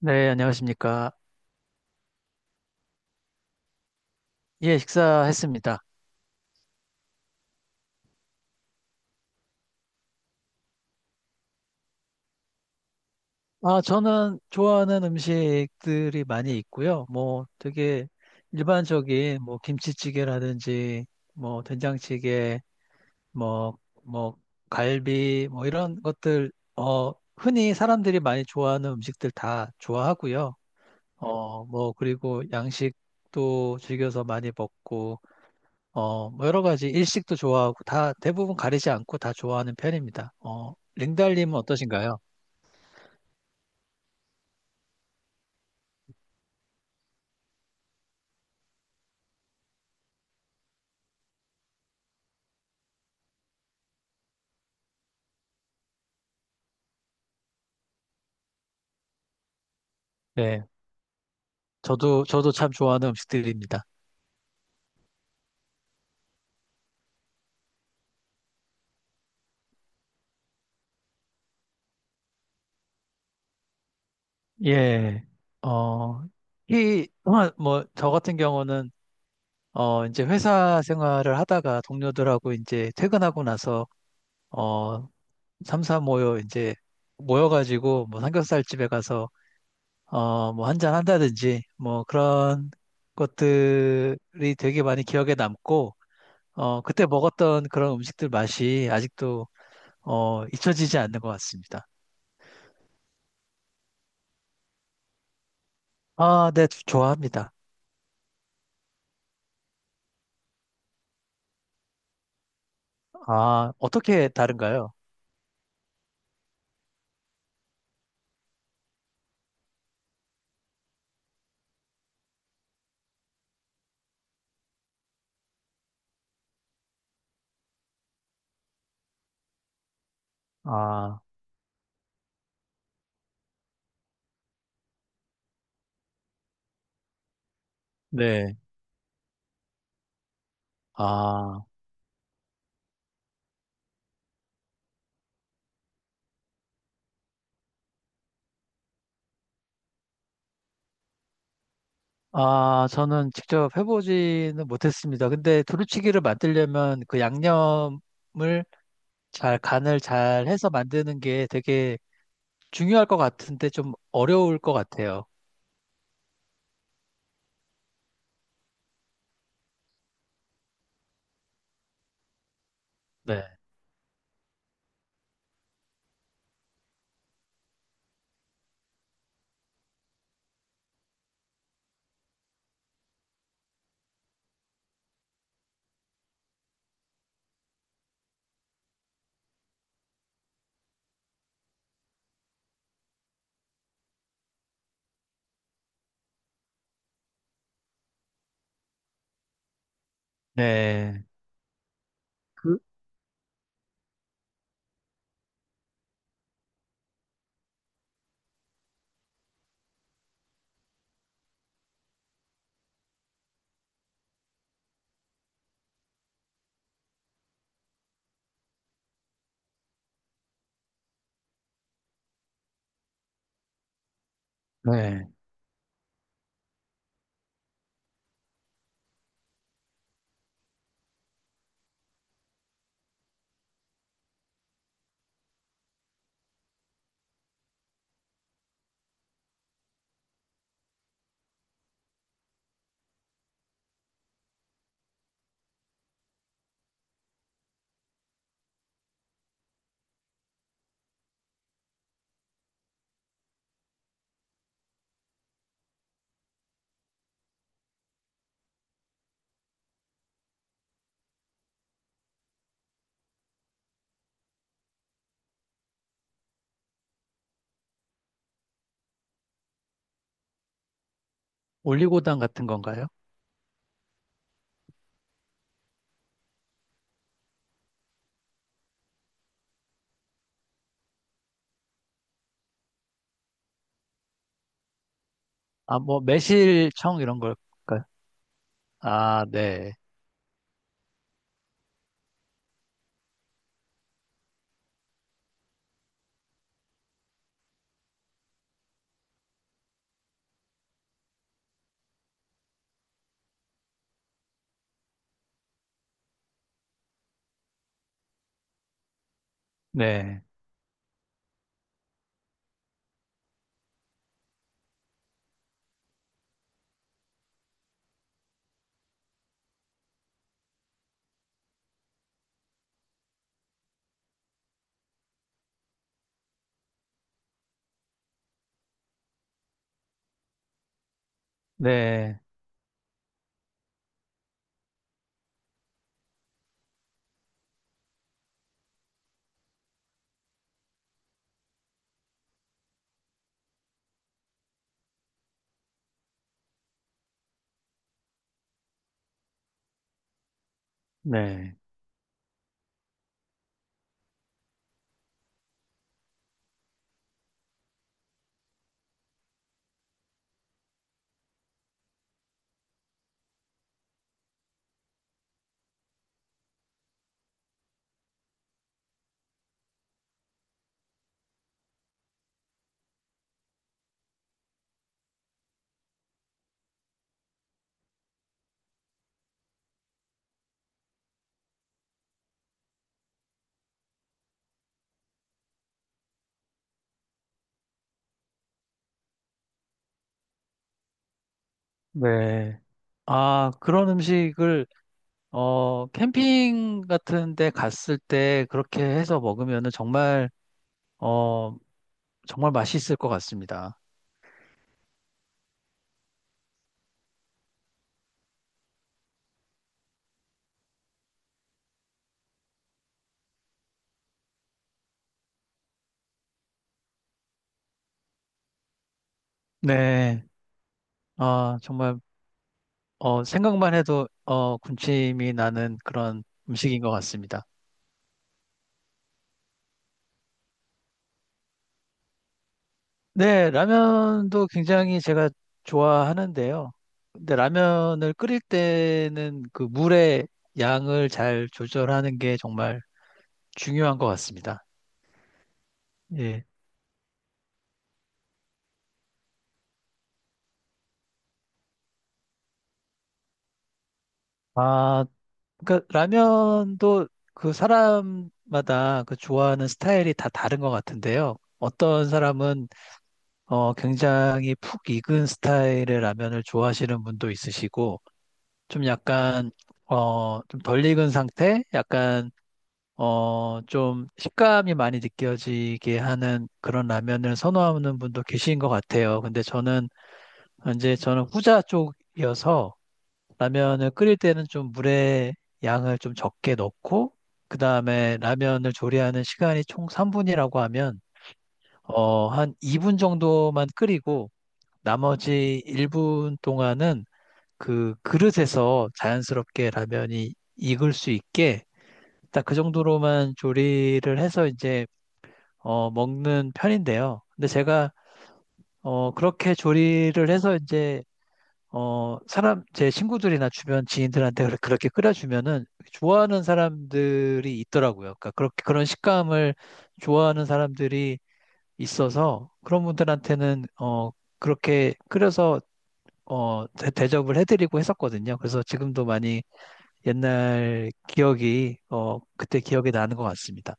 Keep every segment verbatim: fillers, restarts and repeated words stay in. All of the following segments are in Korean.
네, 안녕하십니까. 예, 식사했습니다. 아, 저는 좋아하는 음식들이 많이 있고요. 뭐 되게 일반적인 뭐 김치찌개라든지 뭐 된장찌개, 뭐, 뭐 갈비, 뭐 이런 것들, 어, 흔히 사람들이 많이 좋아하는 음식들 다 좋아하고요. 어, 뭐 그리고 양식도 즐겨서 많이 먹고 어, 뭐 여러 가지 일식도 좋아하고 다 대부분 가리지 않고 다 좋아하는 편입니다. 어, 링달님은 어떠신가요? 네, 저도 저도 참 좋아하는 음식들입니다. 예, 어, 이, 뭐, 뭐, 저 같은 경우는 어, 이제 회사 생활을 하다가 동료들하고 이제 퇴근하고 나서 어, 삼사 모여 이제 모여가지고 뭐 삼겹살 집에 가서 어, 뭐 한잔 한다든지 뭐 그런 것들이 되게 많이 기억에 남고 어, 그때 먹었던 그런 음식들 맛이 아직도 어, 잊혀지지 않는 것 같습니다. 아, 네, 저- 좋아합니다. 아, 어떻게 다른가요? 아, 네. 아, 아, 저는 직접 해보지는 못했습니다. 근데 두루치기를 만들려면 그 양념을 잘, 간을 잘 해서 만드는 게 되게 중요할 것 같은데 좀 어려울 것 같아요. 네. 네. 네. 올리고당 같은 건가요? 아, 뭐, 매실청 이런 걸까요? 아, 네. 네. 네. 네. 네. 아, 그런 음식을, 어, 캠핑 같은 데 갔을 때 그렇게 해서 먹으면은 정말, 어, 정말 맛있을 것 같습니다. 네. 아, 정말, 어, 생각만 해도, 어, 군침이 나는 그런 음식인 것 같습니다. 네, 라면도 굉장히 제가 좋아하는데요. 근데 라면을 끓일 때는 그 물의 양을 잘 조절하는 게 정말 중요한 것 같습니다. 예. 아, 그러니까 라면도 그 사람마다 그 좋아하는 스타일이 다 다른 것 같은데요. 어떤 사람은 어, 굉장히 푹 익은 스타일의 라면을 좋아하시는 분도 있으시고, 좀 약간 어, 좀 덜 익은 상태? 약간 어, 좀 식감이 많이 느껴지게 하는 그런 라면을 선호하는 분도 계신 것 같아요. 근데 저는 이제 저는 후자 쪽이어서 라면을 끓일 때는 좀 물의 양을 좀 적게 넣고 그 다음에 라면을 조리하는 시간이 총 삼 분이라고 하면 어, 한 이 분 정도만 끓이고 나머지 일 분 동안은 그 그릇에서 자연스럽게 라면이 익을 수 있게 딱 그 정도로만 조리를 해서 이제 어, 먹는 편인데요. 근데 제가 어, 그렇게 조리를 해서 이제 어, 사람 제 친구들이나 주변 지인들한테 그렇- 그렇게 끓여주면은 좋아하는 사람들이 있더라고요. 그러니까 그렇게 그런 식감을 좋아하는 사람들이 있어서 그런 분들한테는 어, 그렇게 끓여서 어, 대- 대접을 해드리고 했었거든요. 그래서 지금도 많이 옛날 기억이 어, 그때 기억이 나는 것 같습니다.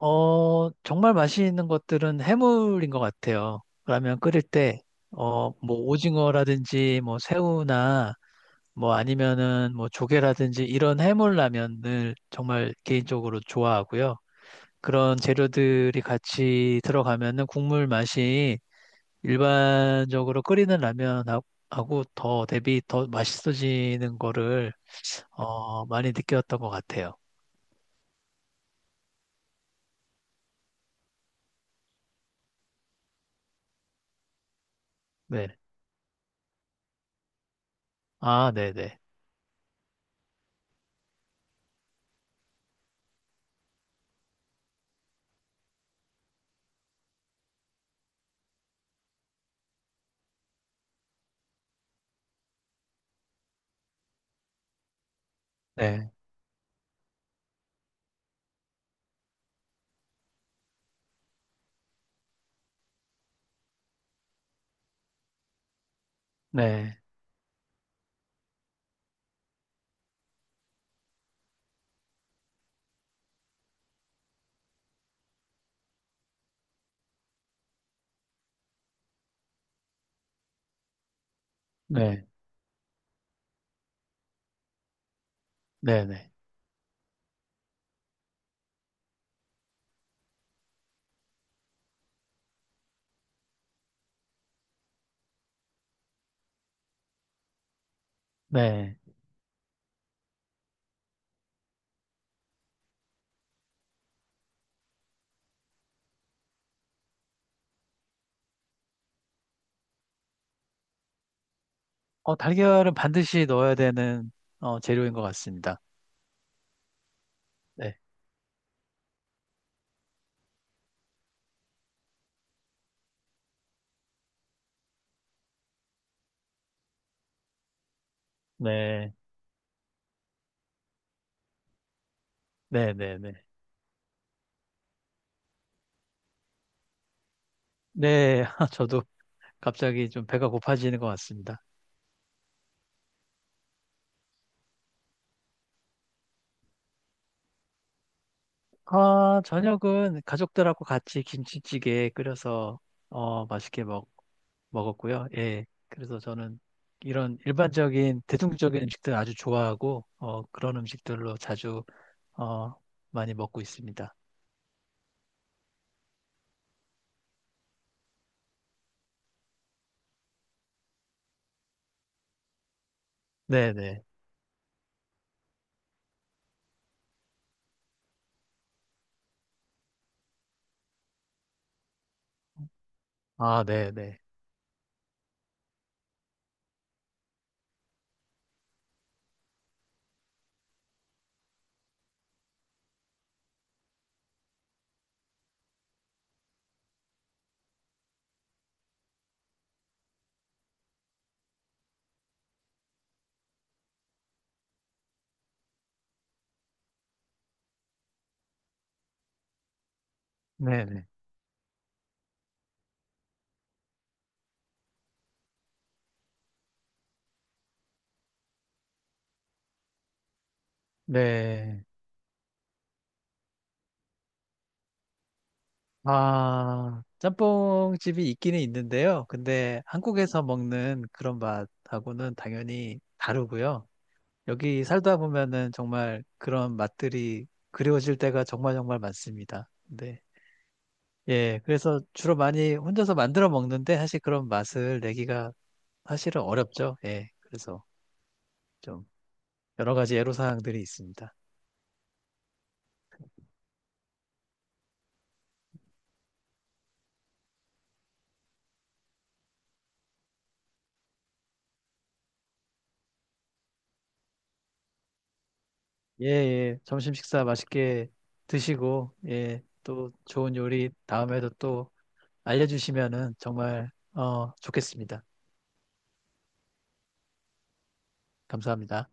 어, 정말 맛있는 것들은 해물인 것 같아요. 라면 끓일 때, 어, 뭐, 오징어라든지, 뭐, 새우나, 뭐, 아니면은, 뭐, 조개라든지, 이런 해물 라면을 정말 개인적으로 좋아하고요. 그런 재료들이 같이 들어가면은 국물 맛이 일반적으로 끓이는 라면하고 더 대비 더 맛있어지는 거를, 어, 많이 느꼈던 것 같아요. 네. 아, 네네. 네. 네. 네. 네네. 네. 어, 달걀은 반드시 넣어야 되는 어, 재료인 것 같습니다. 네. 네. 네, 네, 네. 네, 저도 갑자기 좀 배가 고파지는 것 같습니다. 아, 저녁은 가족들하고 같이 김치찌개 끓여서 어, 맛있게 먹, 먹었고요. 예. 그래서 저는 이런 일반적인 대중적인 음식들 아주 좋아하고 어, 그런 음식들로 자주 어, 많이 먹고 있습니다. 네, 네. 아, 네, 네. 네, 네. 네. 아, 짬뽕집이 있기는 있는데요. 근데 한국에서 먹는 그런 맛하고는 당연히 다르고요. 여기 살다 보면은 정말 그런 맛들이 그리워질 때가 정말 정말 많습니다. 네. 예, 그래서 주로 많이 혼자서 만들어 먹는데 사실 그런 맛을 내기가 사실은 어렵죠. 예, 그래서 좀 여러 가지 애로사항들이 있습니다. 예, 예, 점심 식사 맛있게 드시고, 예, 또 좋은 요리 다음에도 또 알려주시면은 정말 어, 좋겠습니다. 감사합니다.